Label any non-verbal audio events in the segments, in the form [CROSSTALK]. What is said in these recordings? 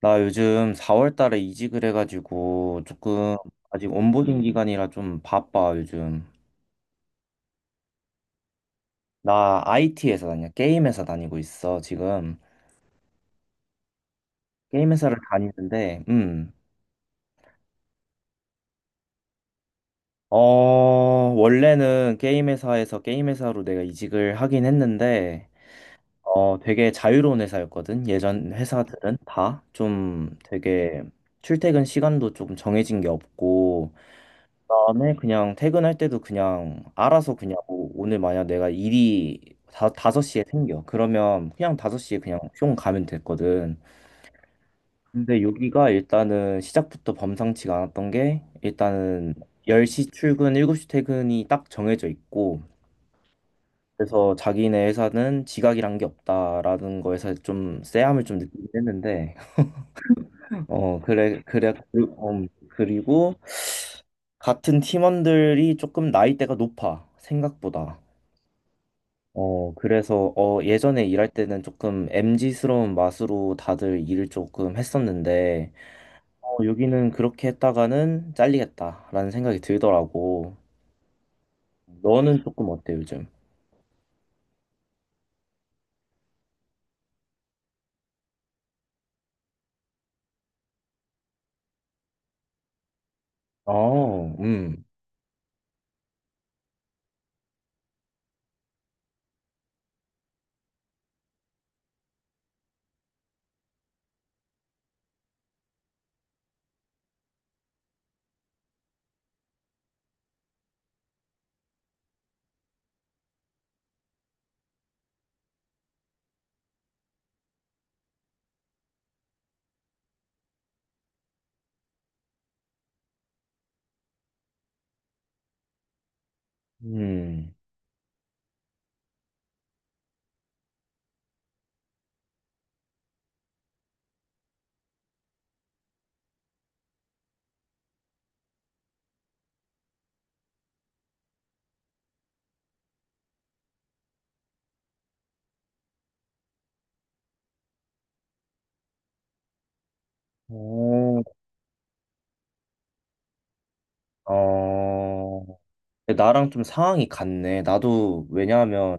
나 요즘 4월 달에 이직을 해가지고 조금 아직 온보딩 기간이라 좀 바빠, 요즘. 나 IT 회사 다녀. 게임 회사 다니고 있어, 지금. 게임 회사를 다니는데, 어, 원래는 게임 회사에서 게임 회사로 내가 이직을 하긴 했는데, 되게 자유로운 회사였거든. 예전 회사들은 다 좀 되게 출퇴근 시간도 조금 정해진 게 없고, 다음에 그냥 퇴근할 때도 그냥 알아서 그냥 뭐 오늘 만약 내가 일이 섯시에 생겨. 그러면 그냥 5시에 그냥 뿅 가면 됐거든. 근데 여기가 일단은 시작부터 범상치가 않았던 게 일단은 10시 출근, 7시 퇴근이 딱 정해져 있고 그래서 자기네 회사는 지각이란 게 없다라는 거에서 좀 쎄함을 좀 느끼긴 했는데 [LAUGHS] 어 그래 그래. 그리고 같은 팀원들이 조금 나이대가 높아 생각보다 예전에 일할 때는 조금 m 지스러운 맛으로 다들 일을 조금 했었는데, 여기는 그렇게 했다가는 잘리겠다라는 생각이 들더라고. 너는 조금 어때, 요즘? 어, 음. 어, 어. 나랑 좀 상황이 같네. 나도, 왜냐하면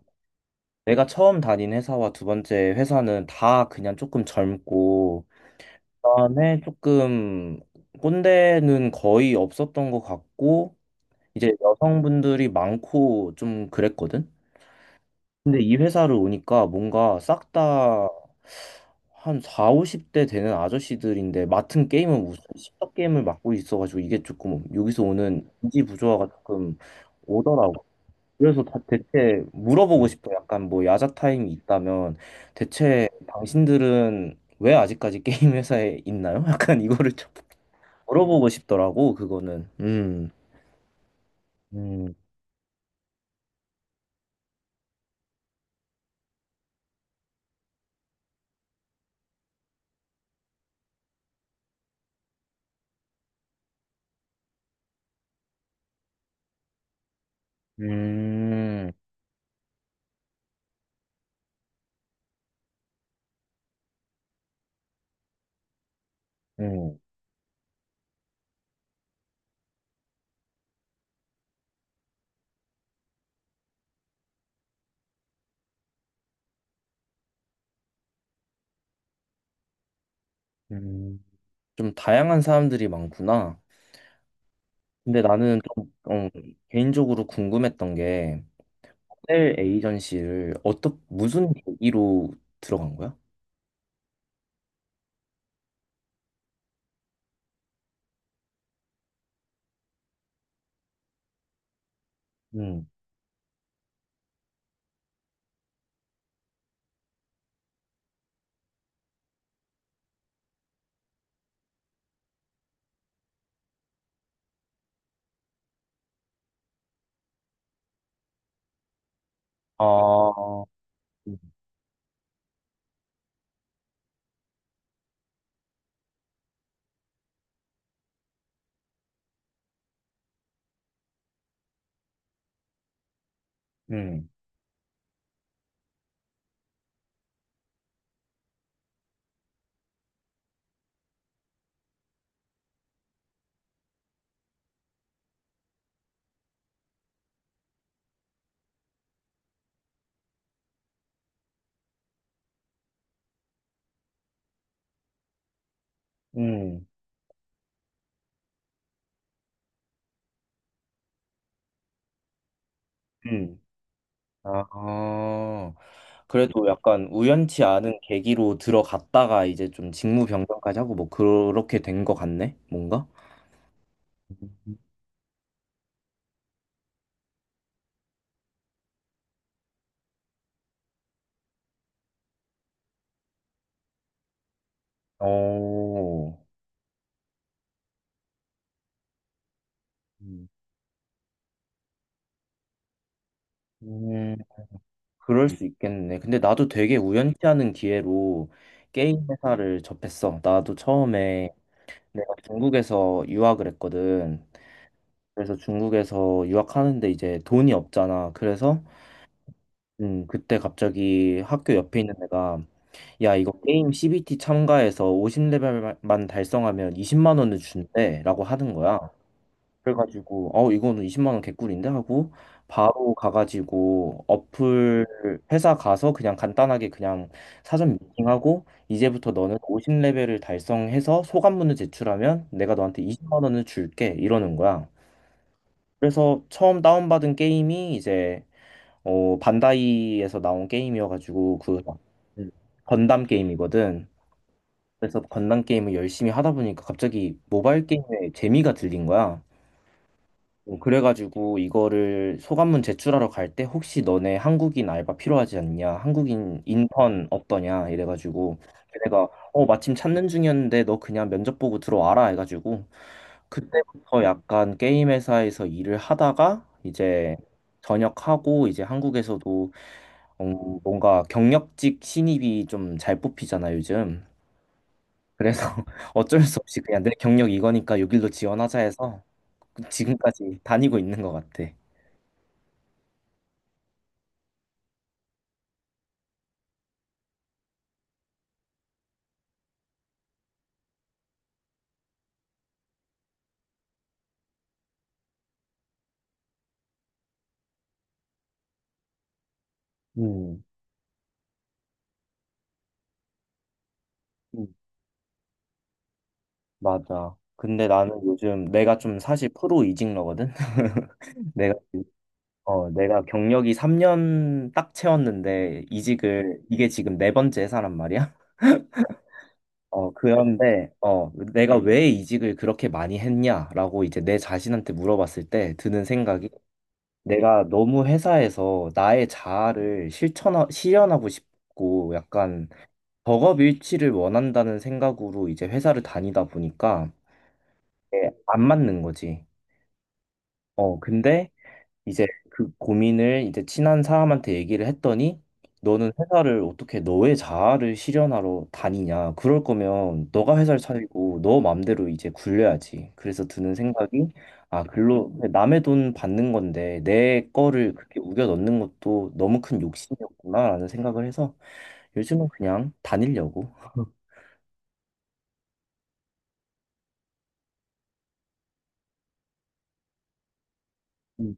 내가 처음 다닌 회사와 두 번째 회사는 다 그냥 조금 젊고, 그다음에 조금 꼰대는 거의 없었던 것 같고, 이제 여성분들이 많고 좀 그랬거든? 근데 이 회사를 오니까 뭔가 싹 다 한 4, 50대 되는 아저씨들인데 맡은 게임은 무슨 십0 게임을 맡고 있어가지고 이게 조금 여기서 오는 인지 부조화가 조금 오더라고. 그래서 다 대체 물어보고 싶어. 약간 뭐 야자 타임이 있다면 대체 당신들은 왜 아직까지 게임 회사에 있나요? [LAUGHS] 약간 이거를 좀 물어보고 싶더라고, 그거는. 음. 음. 음. 음. 음, 좀 다양한 사람들이 많구나. 근데 나는 좀, 개인적으로 궁금했던 게 호텔 에이전시를 어떻게 무슨 계기로 들어간 거야? 음. 아, 음, 음, 음. 아, 그래도 약간 우연치 않은 계기로 들어갔다가 이제 좀 직무 변경까지 하고 뭐 그렇게 된 거 같네? 뭔가? 음. 어. 음. 그럴 수 있겠네. 근데 나도 되게 우연치 않은 기회로 게임 회사를 접했어. 나도 처음에 내가 중국에서 유학을 했거든. 그래서 중국에서 유학하는데 이제 돈이 없잖아. 그래서 그때 갑자기 학교 옆에 있는 애가 야, 이거 게임 CBT 참가해서 50레벨만 달성하면 20만 원을 준대라고 하는 거야. 그래가지고 이거는 20만 원 개꿀인데 하고 바로 가가지고 어플 회사 가서 그냥 간단하게 그냥 사전 미팅하고 이제부터 너는 50레벨을 달성해서 소감문을 제출하면 내가 너한테 20만 원을 줄게 이러는 거야. 그래서 처음 다운받은 게임이 이제 반다이에서 나온 게임이어가지고 음. 건담 게임이거든. 그래서 건담 게임을 열심히 하다 보니까 갑자기 모바일 게임에 재미가 들린 거야. 그래가지고 이거를 소감문 제출하러 갈 때 혹시 너네 한국인 알바 필요하지 않냐? 한국인 인턴 없더냐? 이래가지고 걔네가 마침 찾는 중이었는데 너 그냥 면접 보고 들어와라 해가지고 그때부터 약간 게임 회사에서 일을 하다가 이제 전역하고 이제 한국에서도 뭔가 경력직 신입이 좀 잘 뽑히잖아 요즘. 그래서 [LAUGHS] 어쩔 수 없이 그냥 내 경력 이거니까 여길로 지원하자 해서 지금까지 다니고 있는 것 같아. 음, 음, 맞아. 근데 나는 요즘 내가 좀 사실 프로 이직러거든? [LAUGHS] 내가, 내가 경력이 3년 딱 채웠는데 이게 지금 네 번째 회사란 말이야? [LAUGHS] 내가 왜 이직을 그렇게 많이 했냐라고 이제 내 자신한테 물어봤을 때 드는 생각이 내가 너무 회사에서 나의 자아를 실현하고 싶고 약간 버업 일치를 원한다는 생각으로 이제 회사를 다니다 보니까 이게 안 맞는 거지. 근데 이제 그 고민을 이제 친한 사람한테 얘기를 했더니 너는 회사를 어떻게 너의 자아를 실현하러 다니냐. 그럴 거면 너가 회사를 차리고 너 맘대로 이제 굴려야지. 그래서 드는 생각이 아, 글로 남의 돈 받는 건데 내 거를 그렇게 우겨 넣는 것도 너무 큰 욕심이었구나라는 생각을 해서 요즘은 그냥 다니려고. 음,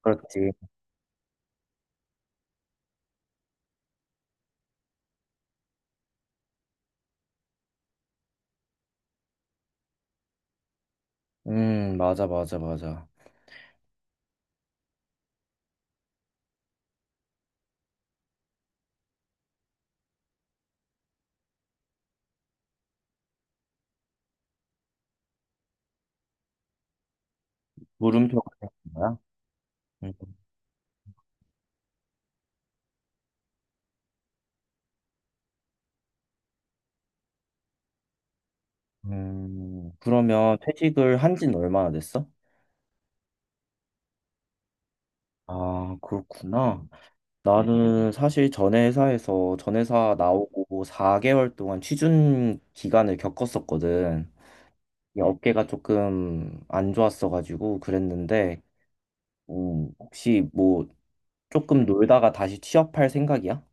그렇지. 맞아, 맞아, 맞아. 물음표가 생긴 거야? 음, 그러면 퇴직을 한 지는 얼마나 됐어? 아, 그렇구나. 나는 사실 전 회사에서 전 회사 나오고 4개월 동안 취준 기간을 겪었었거든. 이 어깨가 조금 안 좋았어가지고 그랬는데, 혹시 뭐 조금 놀다가 다시 취업할 생각이야?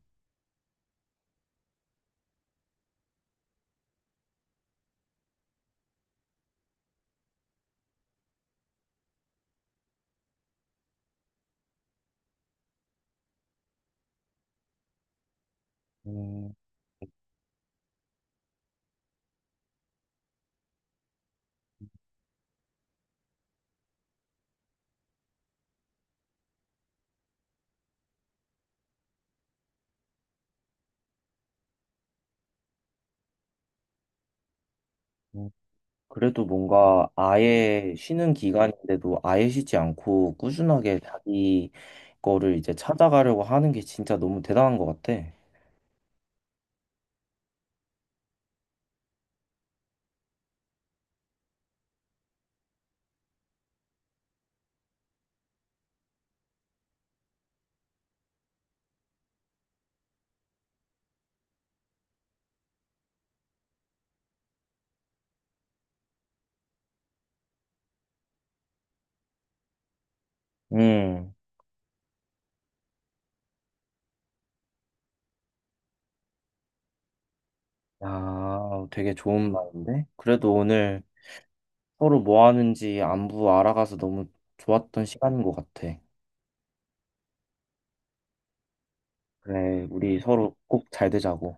음, 그래도 뭔가 아예 쉬는 기간인데도 아예 쉬지 않고 꾸준하게 자기 거를 이제 찾아가려고 하는 게 진짜 너무 대단한 것 같아. 음, 야, 되게 좋은 말인데? 그래도 오늘 서로 뭐 하는지 안부 알아가서 너무 좋았던 시간인 것 같아. 그래, 우리 서로 꼭 잘 되자고.